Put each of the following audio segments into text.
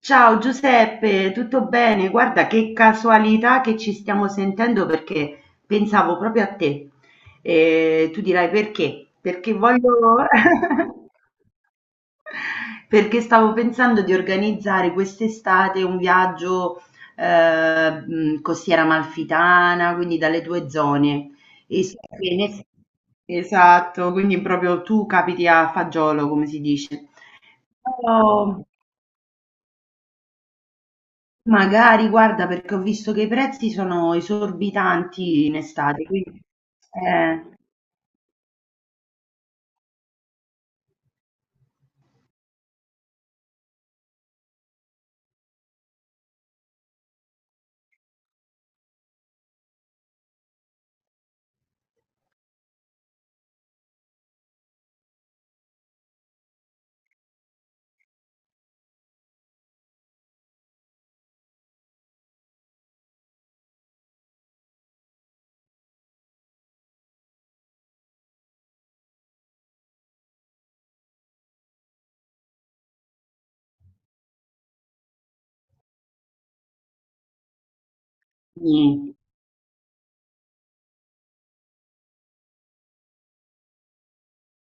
Ciao Giuseppe, tutto bene? Guarda che casualità che ci stiamo sentendo perché pensavo proprio a te. E tu dirai perché? Perché voglio... Perché stavo pensando di organizzare quest'estate un viaggio costiera amalfitana, quindi dalle tue zone. E so che ne- Esatto, quindi proprio tu capiti a fagiolo, come si dice. Oh. Magari, guarda, perché ho visto che i prezzi sono esorbitanti in estate, quindi eh, nì.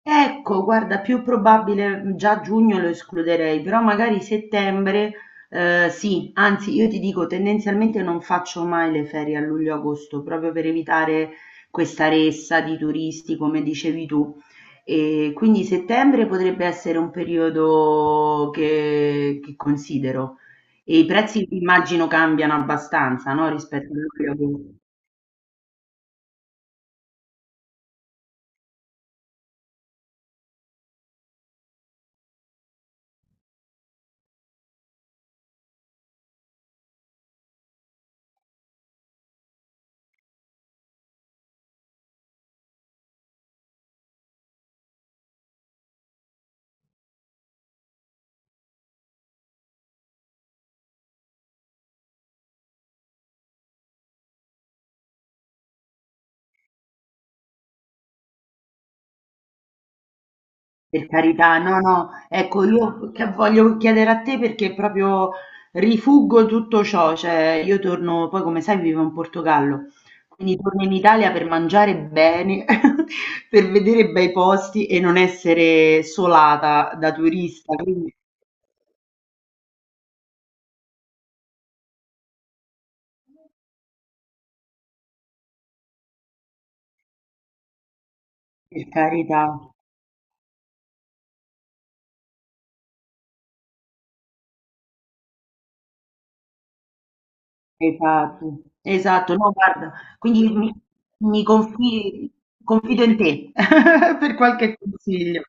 Ecco, guarda, più probabile già giugno lo escluderei, però magari settembre, sì, anzi io ti dico, tendenzialmente non faccio mai le ferie a luglio-agosto, proprio per evitare questa ressa di turisti, come dicevi tu. E quindi settembre potrebbe essere un periodo che considero. E i prezzi immagino cambiano abbastanza, no? Rispetto a luglio-agosto. Per carità, no, no, ecco, io che voglio chiedere a te perché proprio rifuggo tutto ciò, cioè io torno, poi come sai vivo in Portogallo, quindi torno in Italia per mangiare bene, per vedere bei posti e non essere solata da turista, quindi per carità, esatto, esatto, no, guarda, quindi mi confi- confido in te per qualche consiglio.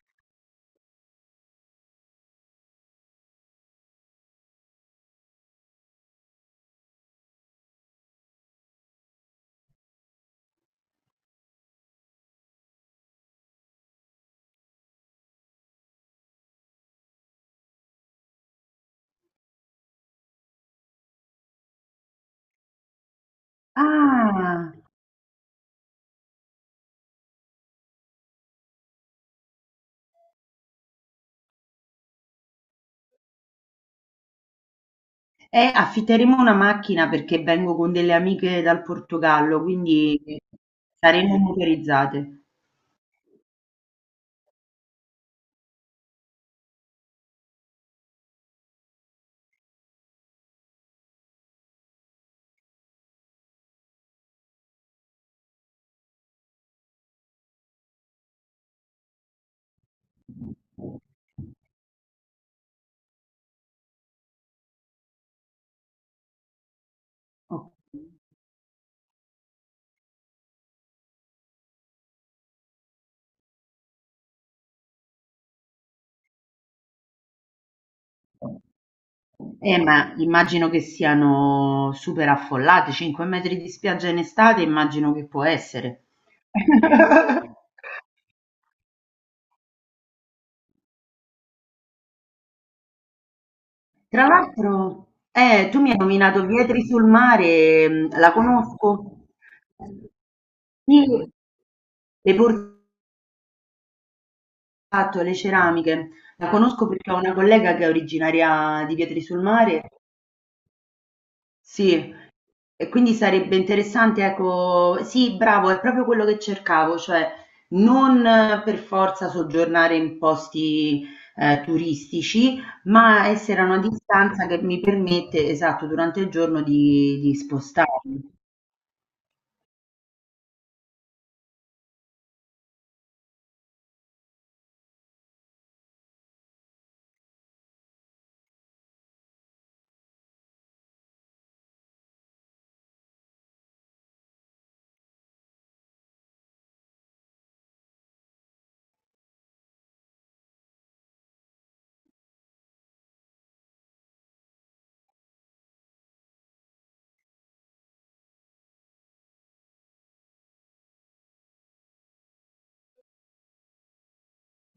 Ah. Affitteremo una macchina perché vengo con delle amiche dal Portogallo, quindi saremo motorizzate. Ok. Ma immagino che siano super affollate, 5 metri di spiaggia in estate, immagino che può essere. Tra l'altro, tu mi hai nominato Vietri sul mare, mm, la conosco? Sì, le porzioni fatto le ceramiche, la conosco perché ho una collega che è originaria di Vietri sul Mare, sì, e quindi sarebbe interessante, ecco, sì, bravo, è proprio quello che cercavo, cioè non per forza soggiornare in posti turistici, ma essere a una distanza che mi permette, esatto, durante il giorno di spostarmi.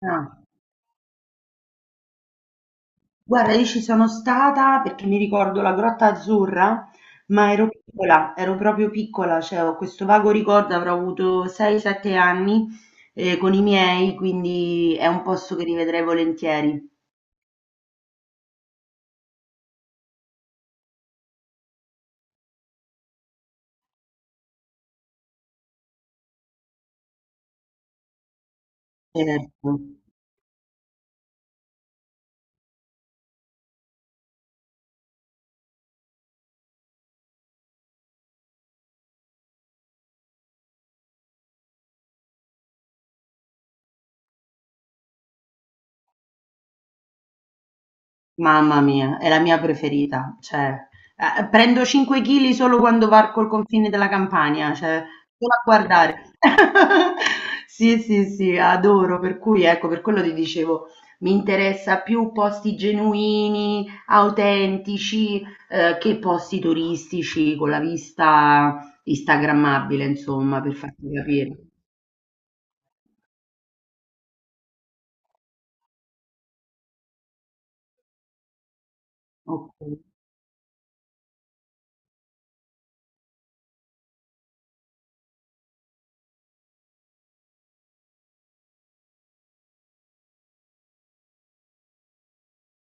Ah. Guarda, io ci sono stata perché mi ricordo la Grotta Azzurra, ma ero piccola, ero proprio piccola, cioè ho questo vago ricordo, avrò avuto 6-7 anni con i miei, quindi è un posto che rivedrei volentieri. Certo. Mamma mia, è la mia preferita, cioè, prendo 5 chili solo quando varco il confine della Campania, cioè, solo a guardare. Sì, sì, sì, adoro, per cui ecco, per quello ti dicevo, mi interessa più posti genuini, autentici, che posti turistici con la vista instagrammabile, insomma, per farti capire. Ok.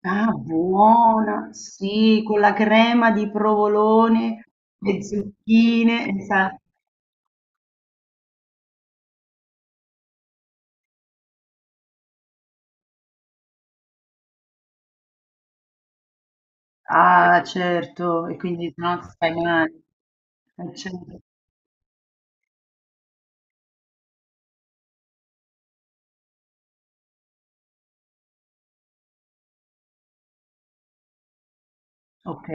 Ah, buona! Sì, con la crema di provolone, le zucchine, esa Ah, certo, e quindi se no ti fai male. Certo. Ok.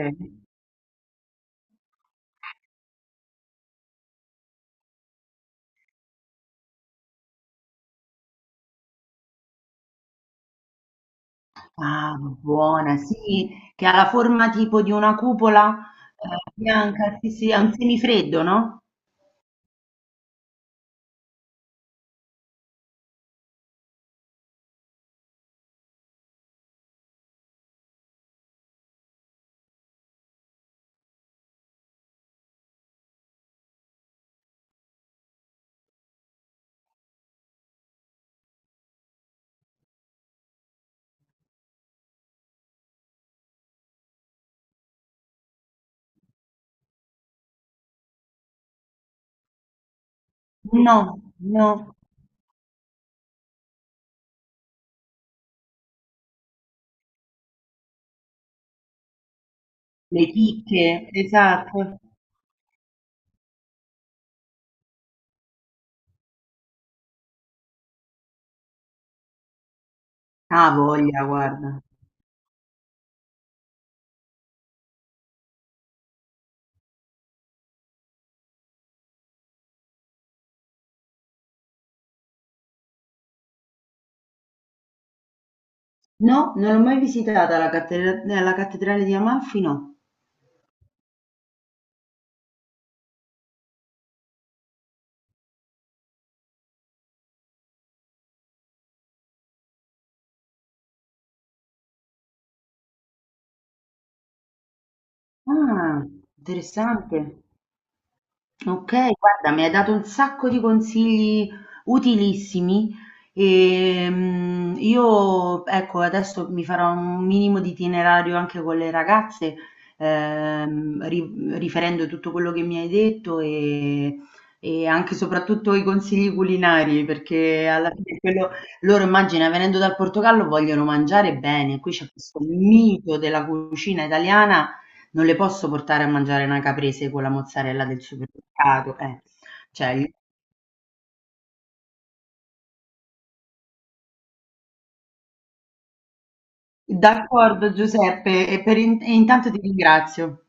Ah, buona, sì, che ha la forma tipo di una cupola bianca, sì, sì, ha un semifreddo, no? No, no, le chicche, esatto. Ah, voglia, guarda. No, non l'ho mai visitata la cattedrale di Amalfi, no. Ah, interessante. Okay, guarda, mi hai dato un sacco di consigli utilissimi. Io, ecco, adesso mi farò un minimo di itinerario anche con le ragazze, riferendo tutto quello che mi hai detto e anche e soprattutto i consigli culinari, perché alla fine quello, loro, immagina, venendo dal Portogallo, vogliono mangiare bene. Qui c'è questo mito della cucina italiana, non le posso portare a mangiare una caprese con la mozzarella del supermercato, eh. Cioè, d'accordo Giuseppe e intanto ti ringrazio.